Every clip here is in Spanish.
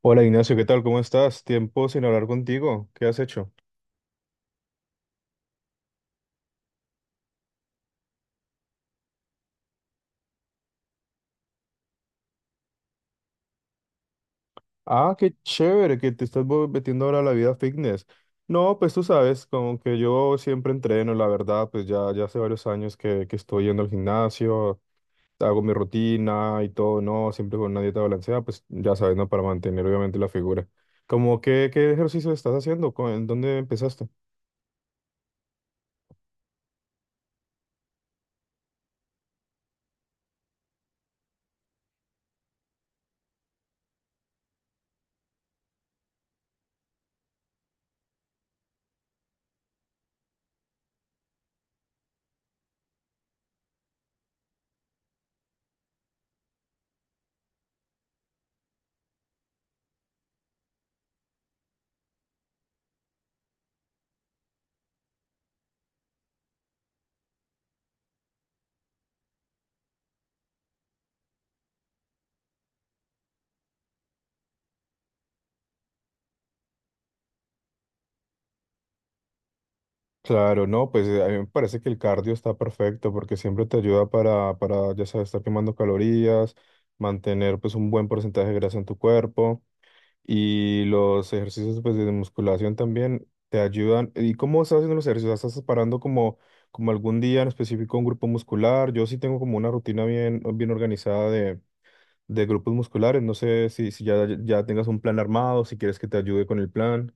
Hola Ignacio, ¿qué tal? ¿Cómo estás? Tiempo sin hablar contigo. ¿Qué has hecho? Ah, qué chévere que te estás metiendo ahora a la vida fitness. No, pues tú sabes, como que yo siempre entreno, la verdad, pues ya hace varios años que estoy yendo al gimnasio, hago mi rutina y todo, no, siempre con una dieta balanceada, pues ya sabes, ¿no? Para mantener obviamente la figura. Como que, ¿qué ejercicio estás haciendo? ¿En dónde empezaste? Claro, no, pues a mí me parece que el cardio está perfecto porque siempre te ayuda para ya sabes, estar quemando calorías, mantener pues un buen porcentaje de grasa en tu cuerpo y los ejercicios pues de musculación también te ayudan. ¿Y cómo estás haciendo los ejercicios? ¿Estás separando como, como algún día en específico un grupo muscular? Yo sí tengo como una rutina bien organizada de grupos musculares. No sé si ya tengas un plan armado, si quieres que te ayude con el plan.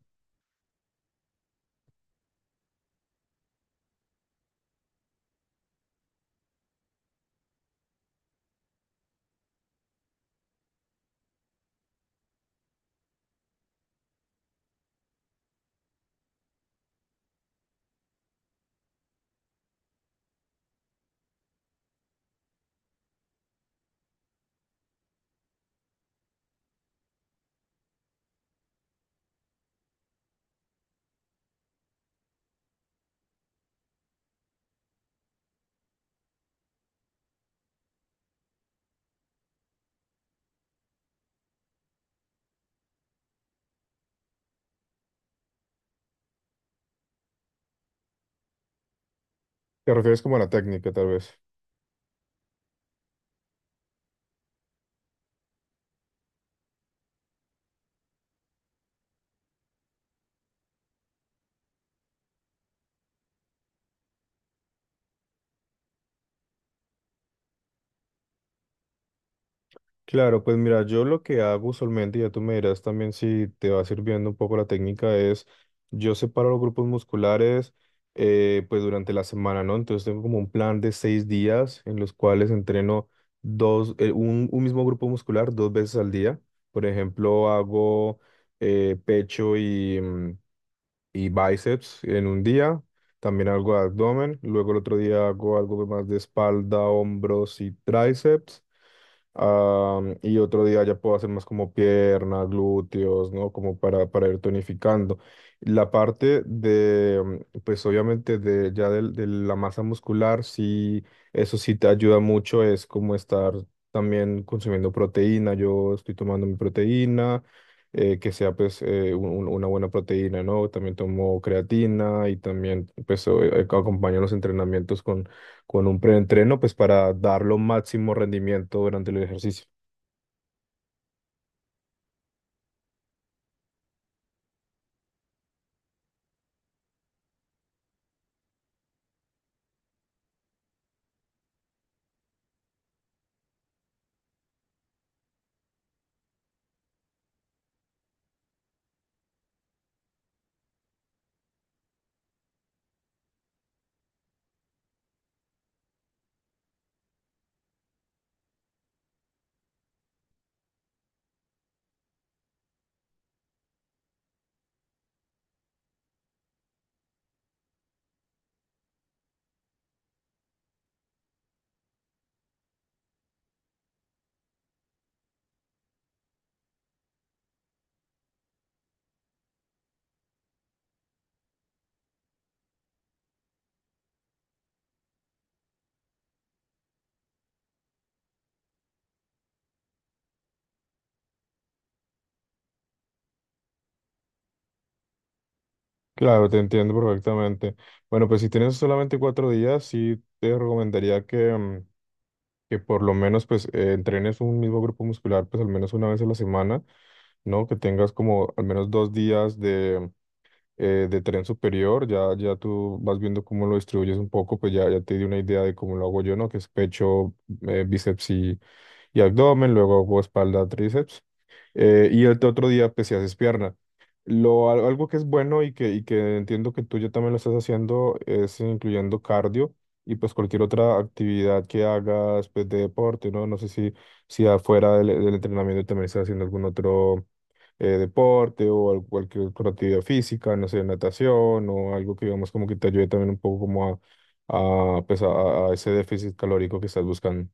Te refieres como a la técnica, tal vez. Claro, pues mira, yo lo que hago usualmente, ya tú me dirás también si te va sirviendo un poco la técnica, es yo separo los grupos musculares pues durante la semana, ¿no? Entonces tengo como un plan de seis días en los cuales entreno dos, un mismo grupo muscular dos veces al día. Por ejemplo, hago pecho y, y bíceps en un día, también algo de abdomen, luego el otro día hago algo más de espalda, hombros y tríceps. Y otro día ya puedo hacer más como pierna, glúteos, ¿no? Como para ir tonificando. La parte de, pues obviamente de ya de la masa muscular, sí, eso sí te ayuda mucho, es como estar también consumiendo proteína. Yo estoy tomando mi proteína, que sea pues una buena proteína, ¿no? También tomo creatina y también pues acompaño los entrenamientos con un preentreno, pues para dar lo máximo rendimiento durante el ejercicio. Claro, te entiendo perfectamente. Bueno, pues si tienes solamente cuatro días, sí te recomendaría que, que por lo menos pues entrenes un mismo grupo muscular pues al menos una vez a la semana, ¿no? Que tengas como al menos dos días de tren superior, ya tú vas viendo cómo lo distribuyes un poco, pues ya te di una idea de cómo lo hago yo, ¿no? Que es pecho, bíceps y abdomen, luego hago espalda, tríceps. Y el otro día pues si haces pierna. Algo que es bueno y que entiendo que tú ya también lo estás haciendo es incluyendo cardio y pues cualquier otra actividad que hagas pues, de deporte, ¿no? No sé si, si afuera del entrenamiento también estás haciendo algún otro deporte o cualquier otra actividad física, no sé, natación o algo que digamos como que te ayude también un poco como pues, a ese déficit calórico que estás buscando.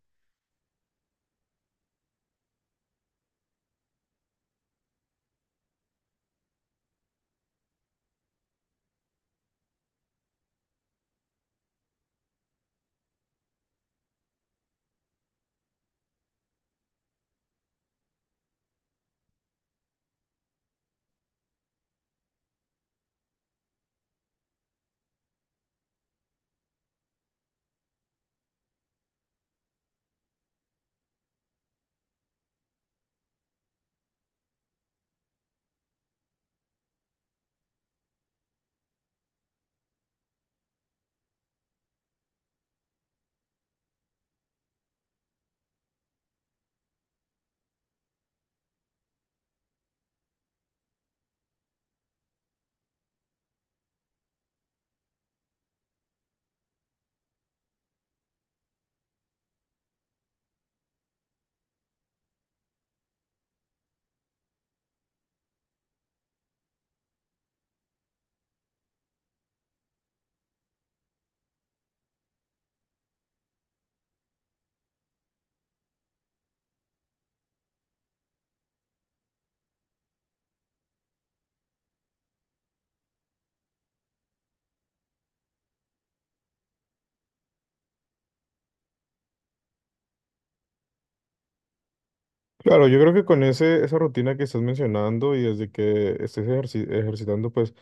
Claro, yo creo que con ese, esa rutina que estás mencionando y desde que estés ejercitando pues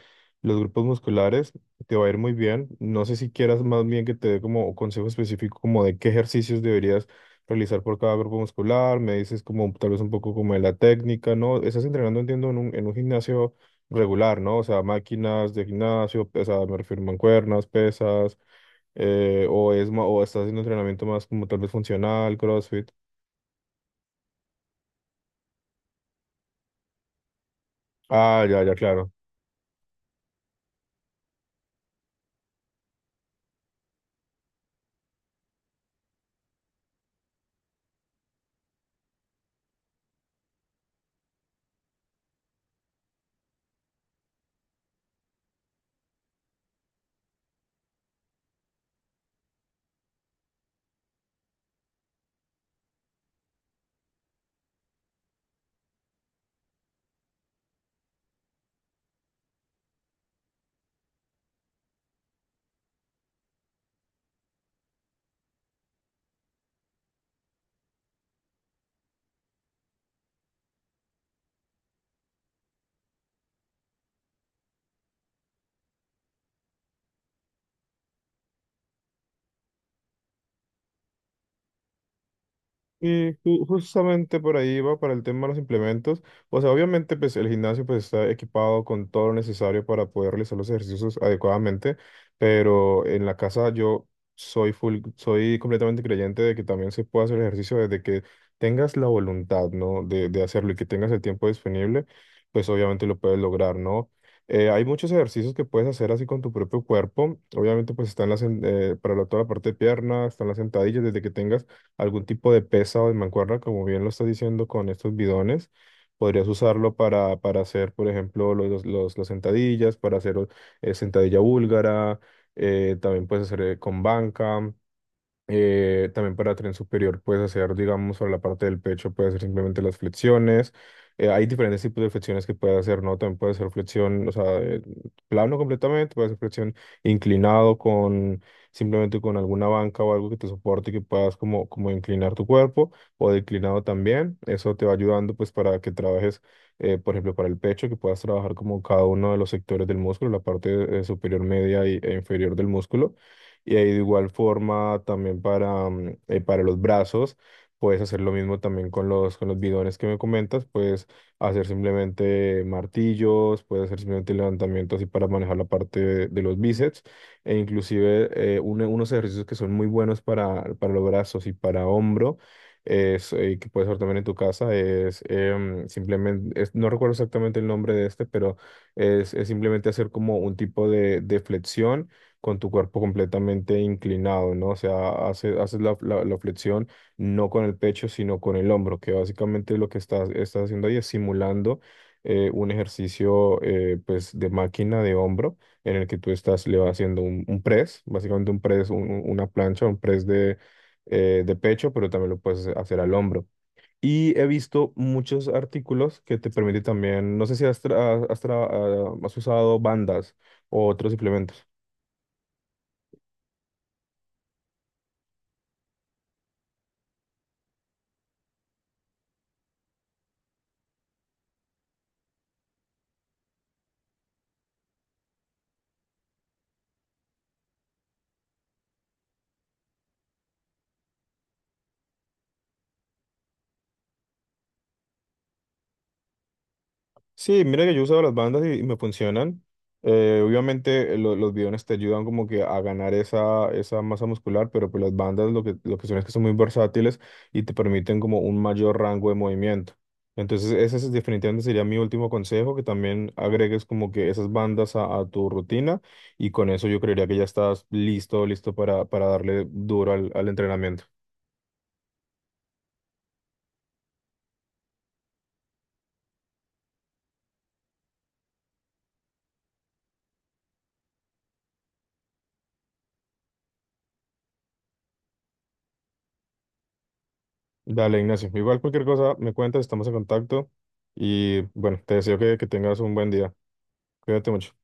los grupos musculares, te va a ir muy bien. No sé si quieras más bien que te dé como consejo específico como de qué ejercicios deberías realizar por cada grupo muscular. Me dices como tal vez un poco como de la técnica, ¿no? Estás entrenando, entiendo, en en un gimnasio regular, ¿no? O sea, máquinas de gimnasio, o sea, me refiero a mancuernas, pesas, o estás haciendo entrenamiento más como tal vez funcional, CrossFit. Ah, ya, ya, claro. Y justamente por ahí va para el tema de los implementos. O sea, obviamente pues el gimnasio pues está equipado con todo lo necesario para poder realizar los ejercicios adecuadamente, pero en la casa yo soy full, soy completamente creyente de que también se puede hacer ejercicio desde que tengas la voluntad, ¿no? De hacerlo y que tengas el tiempo disponible, pues obviamente lo puedes lograr, ¿no? Hay muchos ejercicios que puedes hacer así con tu propio cuerpo. Obviamente pues están para toda la parte de piernas, están las sentadillas, desde que tengas algún tipo de pesa o de mancuerna, como bien lo estás diciendo con estos bidones. Podrías usarlo para hacer, por ejemplo, las sentadillas, para hacer sentadilla búlgara, también puedes hacer con banca. También para tren superior puedes hacer, digamos, sobre la parte del pecho, puedes hacer simplemente las flexiones. Hay diferentes tipos de flexiones que puedes hacer, ¿no? También puedes hacer flexión, o sea, plano completamente, puedes hacer flexión inclinado con simplemente con alguna banca o algo que te soporte y que puedas como, como inclinar tu cuerpo o declinado también. Eso te va ayudando pues para que trabajes, por ejemplo, para el pecho, que puedas trabajar como cada uno de los sectores del músculo, la parte superior, media e inferior del músculo y ahí de igual forma también para, para los brazos, puedes hacer lo mismo también con con los bidones que me comentas, puedes hacer simplemente martillos, puedes hacer simplemente levantamientos así para manejar la parte de los bíceps e inclusive unos ejercicios que son muy buenos para los brazos y para hombro. Es, que puedes hacer también en tu casa, es simplemente, no recuerdo exactamente el nombre de este, pero es simplemente hacer como un tipo de flexión con tu cuerpo completamente inclinado, ¿no? O sea, haces la flexión no con el pecho, sino con el hombro, que básicamente lo que estás haciendo ahí es simulando un ejercicio pues de máquina de hombro en el que tú estás le vas haciendo un press, básicamente un press, una plancha, un press de pecho, pero también lo puedes hacer al hombro. Y he visto muchos artículos que te permiten también, no sé si has usado bandas o otros suplementos. Sí, mira que yo he usado las bandas y me funcionan. Obviamente los bidones te ayudan como que a ganar esa, esa masa muscular, pero pues las bandas lo que son es que son muy versátiles y te permiten como un mayor rango de movimiento. Entonces definitivamente sería mi último consejo, que también agregues como que esas bandas a tu rutina y con eso yo creería que ya estás listo, listo para darle duro al, al entrenamiento. Dale, Ignacio. Igual cualquier cosa me cuentas, estamos en contacto y bueno, te deseo que tengas un buen día. Cuídate mucho.